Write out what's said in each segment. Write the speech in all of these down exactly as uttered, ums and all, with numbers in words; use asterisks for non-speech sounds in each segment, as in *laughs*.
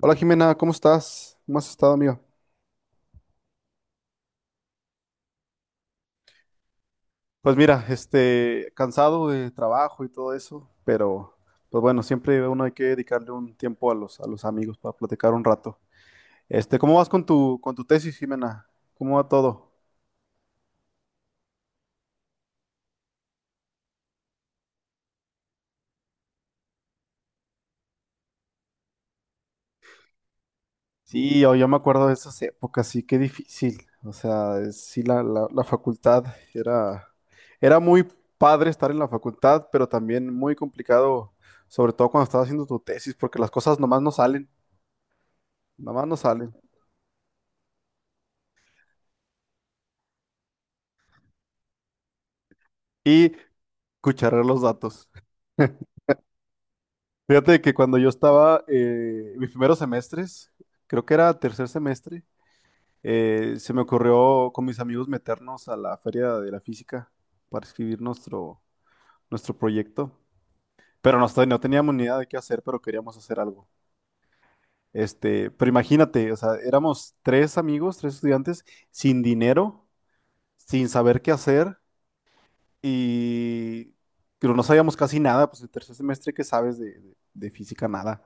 Hola Jimena, ¿cómo estás? ¿Cómo has estado, amigo? Pues mira, este, cansado de trabajo y todo eso, pero pues bueno, siempre uno hay que dedicarle un tiempo a los, a los amigos para platicar un rato. Este, ¿cómo vas con tu, con tu tesis, Jimena? ¿Cómo va todo? Sí, yo, yo me acuerdo de esas épocas, sí, qué difícil. O sea, es- sí, la, la, la facultad era, era muy padre estar en la facultad, pero también muy complicado, sobre todo cuando estás haciendo tu tesis, porque las cosas nomás no salen, nomás no salen. Cucharar los datos. *laughs* Fíjate que cuando yo estaba eh, en mis primeros semestres, creo que era tercer semestre, eh, se me ocurrió con mis amigos meternos a la feria de la física para escribir nuestro, nuestro proyecto. Pero no, está- no teníamos ni idea de qué hacer, pero queríamos hacer algo. Este, pero imagínate, o sea, éramos tres amigos, tres estudiantes, sin dinero, sin saber qué hacer y pero no sabíamos casi nada, pues el tercer semestre que sabes de de- de física, nada.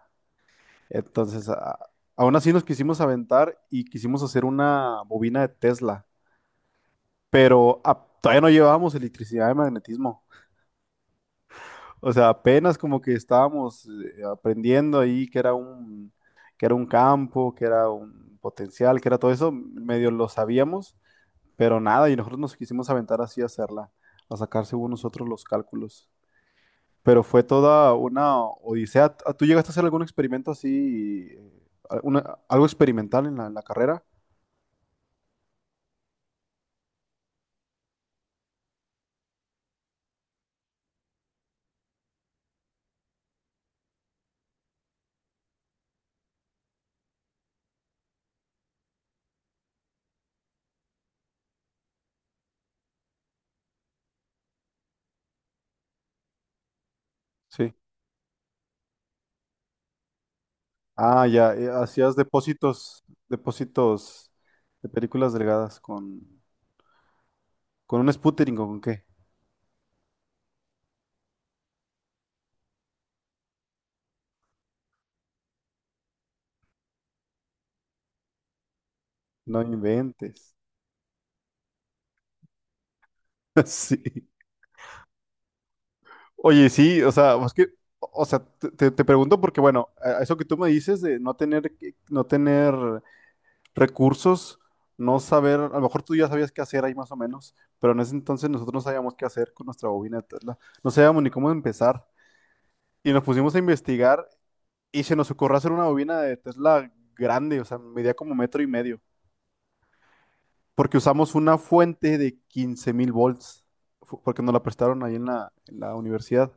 Entonces, a- aún así nos quisimos aventar y quisimos hacer una bobina de Tesla, pero a- todavía no llevábamos electricidad de magnetismo. O sea, apenas como que estábamos eh, aprendiendo ahí que era un, que era un campo, que era un potencial, que era todo eso, medio lo sabíamos, pero nada, y nosotros nos quisimos aventar así a hacerla, a sacar según nosotros los cálculos. Pero fue toda una odisea. ¿Tú llegaste a hacer algún experimento así, eh, alguna- algo experimental en la en la carrera? Sí. Ah, ya. eh, Hacías depósitos, depósitos de películas delgadas con, con un sputtering o con qué. No inventes. *laughs* Sí. Oye, sí, o sea, es que, o sea, te, te- te pregunto porque, bueno, a- eso que tú me dices de no tener, que- no tener recursos, no saber, a lo mejor tú ya sabías qué hacer ahí más o menos, pero en ese entonces nosotros no sabíamos qué hacer con nuestra bobina de Tesla. No sabíamos ni cómo empezar. Y nos pusimos a investigar. Y se nos ocurrió hacer una bobina de Tesla grande, o sea, medía como metro y medio, porque usamos una fuente de quince mil volts, fu- porque nos la prestaron ahí en la, en la universidad.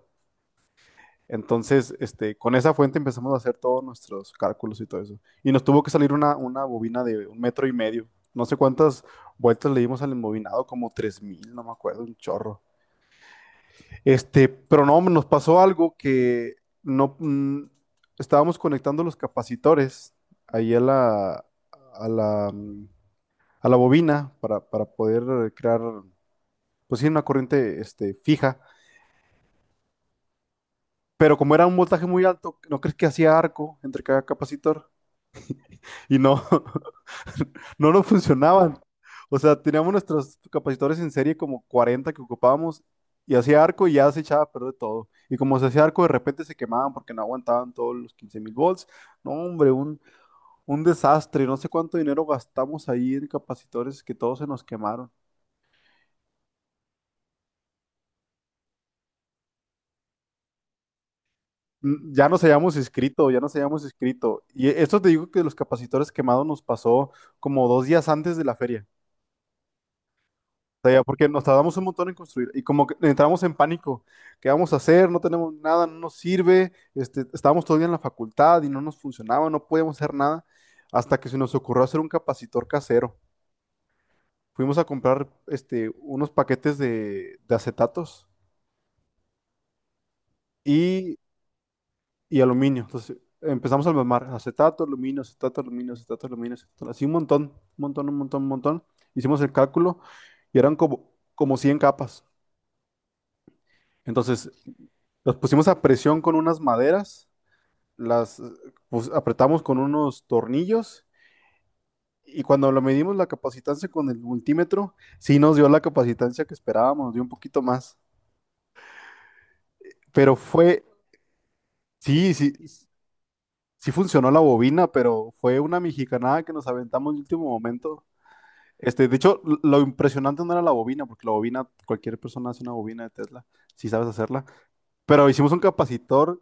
Entonces, este, con esa fuente empezamos a hacer todos nuestros cálculos y todo eso. Y nos tuvo que salir una, una bobina de un metro y medio. No sé cuántas vueltas le dimos al embobinado, como tres mil, no me acuerdo, un chorro. Este, pero no, nos pasó algo que no mm, estábamos conectando los capacitores ahí a la, a la, mm, a la bobina para, para poder eh, crear, pues sí, una corriente este, fija. Pero como era un voltaje muy alto, ¿no crees que hacía arco entre cada capacitor? Y no, *laughs* no nos funcionaban. O sea, teníamos nuestros capacitores en serie como cuarenta que ocupábamos y hacía arco y ya se echaba a perder todo. Y como se hacía arco, de repente se quemaban porque no aguantaban todos los quince mil volts. No, hombre, un, un desastre. No sé cuánto dinero gastamos ahí en capacitores que todos se nos quemaron. Mm, ya nos habíamos inscrito, ya nos habíamos inscrito. Y esto te digo que los capacitores quemados nos pasó como dos días antes de la feria. Sea, ya porque nos tardamos un montón en construir y como que entramos en pánico, ¿qué vamos a hacer? No tenemos nada, no nos sirve, este, estábamos todavía en la facultad y no nos funcionaba, no podíamos hacer nada, hasta que se nos ocurrió hacer un capacitor casero. Fuimos a comprar este, unos paquetes de, de acetatos y, y aluminio. Entonces empezamos a armar acetato, aluminio, acetato, aluminio, acetato, aluminio, acetato, así un montón, un montón, un montón, un montón. Hicimos el cálculo y eran como, como cien capas. Entonces, los pusimos a presión con unas maderas, las eh, pus- apretamos con unos tornillos y cuando lo medimos la capacitancia con el multímetro, sí nos dio la capacitancia que esperábamos, nos dio un poquito más. Pero fue, sí, sí, sí funcionó la bobina, pero fue una mexicanada que nos aventamos en el último momento. Este, de hecho, l- lo impresionante no era la bobina, porque la bobina, cualquier persona hace una bobina de Tesla, si sabes hacerla. Pero hicimos un capacitor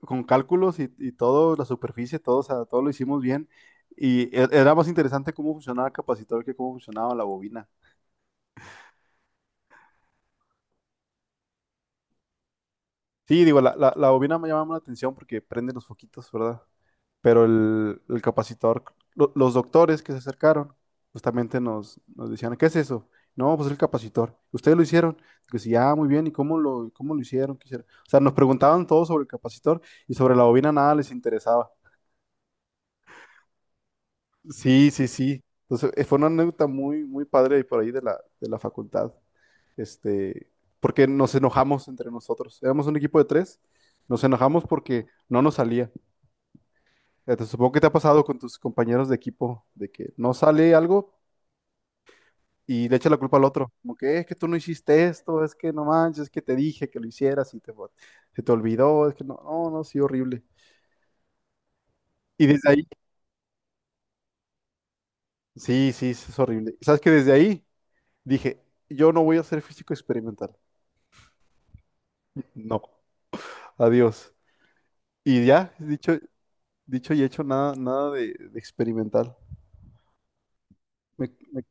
con cálculos y, y todo, la superficie, todo, o sea, todo lo hicimos bien. Y e- era más interesante cómo funcionaba el capacitor que cómo funcionaba la bobina. Sí, digo, la, la, la bobina me llamaba la atención porque prende los foquitos, ¿verdad? Pero el, el capacitor, lo- los doctores que se acercaron, justamente nos, nos decían, ¿qué es eso? No, pues el capacitor. ¿Ustedes lo hicieron? Que sí, ah, muy bien, ¿y cómo lo, cómo lo hicieron? ¿Qué hicieron? O sea, nos preguntaban todo sobre el capacitor y sobre la bobina nada les interesaba. Sí, sí, sí. Entonces, eh, fue una anécdota muy, muy padre por ahí de la, de la facultad. Este, porque nos enojamos entre nosotros. Éramos un equipo de tres. Nos enojamos porque no nos salía. Eh, te supongo que te ha pasado con tus compañeros de equipo, de que no sale algo y le echa la culpa al otro. Como que "Eh, es que tú no hiciste esto, es que no manches, es que te dije que lo hicieras y te, se te olvidó, es que no, no, no, sí, horrible. Y desde ahí, sí, sí, sí, es horrible. ¿Sabes que desde ahí dije, yo no voy a ser físico experimental. No. Adiós. Y ya, dicho, dicho y hecho, nada, nada de, de experimental. Me- me-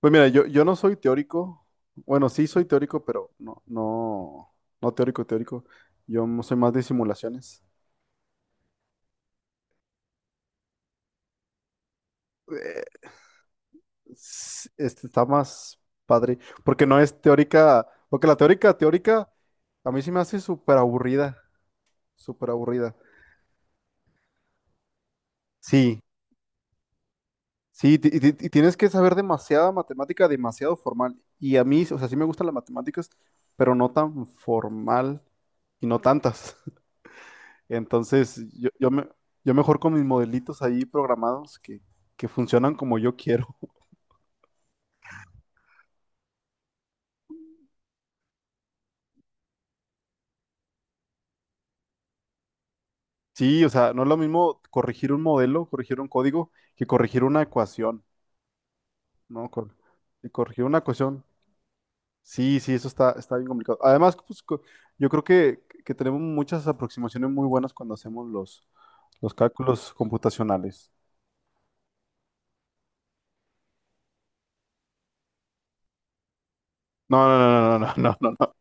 Pues mira, yo, yo no soy teórico. Bueno, sí soy teórico, pero no, no, no teórico, teórico. Yo mo- soy más de simulaciones. Eh, s- este está más padre, porque no es teórica, porque la teórica, teórica, a mí sí me hace súper aburrida, súper aburrida. Sí, sí, ti- y ti- tienes que saber demasiada matemática, demasiado formal. Y a mí, o sea, sí me gustan las matemáticas, pero no tan formal y no tantas. *laughs* Entonces, yo, yo, me, yo mejor con mis modelitos ahí programados que, que funcionan como yo quiero. *laughs* Sí, o sea, no es lo mismo corregir un modelo, corregir un código, que corregir una ecuación, ¿no? Cor- y corregir una ecuación. Sí, sí, eso está, está bien complicado. Además, pues, co- yo creo que, que tenemos muchas aproximaciones muy buenas cuando hacemos los Los cálculos computacionales. No, no, no, no, no, no, no, no.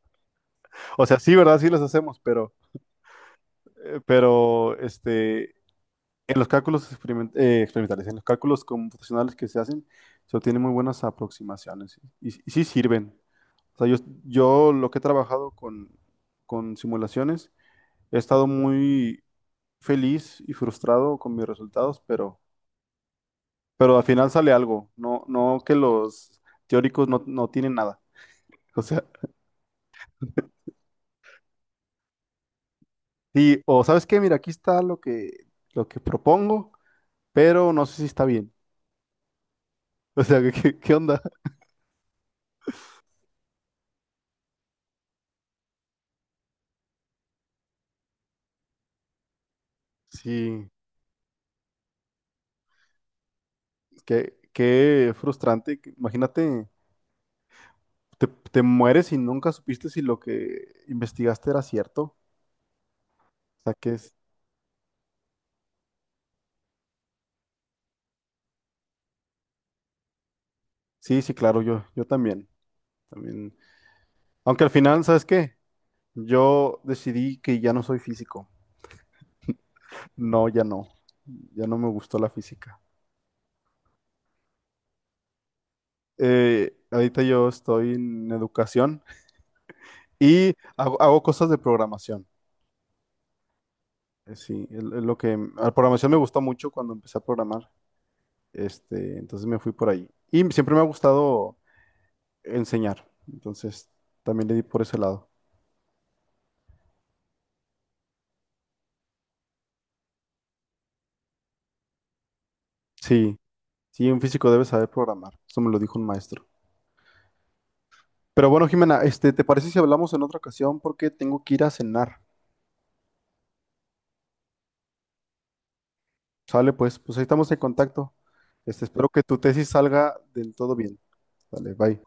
O sea, sí, ¿verdad? Sí los hacemos, pero, eh, pero, este, en los cálculos experiment- eh, experimentales, en los cálculos computacionales que se hacen, se obtienen muy buenas aproximaciones y, y sí sirven. O sea, yo, yo lo que he trabajado con, con simulaciones, he estado muy feliz y frustrado con mis resultados, pero, pero al final sale algo. No, no que los teóricos no, no tienen nada. O sea, *laughs* sí, o ¿sabes qué? Mira, aquí está lo que, lo que propongo, pero no sé si está bien. O sea, *laughs* ¿qué, qué onda? Sí, qué, qué frustrante. que- Imagínate, te, te mueres y nunca supiste si lo que investigaste era cierto. O sea, que es... Sí, sí, claro, yo, yo también, también. Aunque al final, ¿sabes qué? Yo decidí que ya no soy físico. No, ya no. Ya no me gustó la física. Eh, ahorita yo estoy en educación y hago hago cosas de programación. Eh, Sí, es es lo que la programación me gustó mucho cuando empecé a programar. Este, entonces me fui por ahí. Y siempre me ha gustado enseñar. Entonces también le di por ese lado. Sí, sí, un físico debe saber programar. Eso me lo dijo un maestro. Pero bueno, Jimena, este, ¿te parece si hablamos en otra ocasión? Porque tengo que ir a cenar. Sale, pues, pues ahí estamos en contacto. Este, espero que tu tesis salga del todo bien. Dale, bye.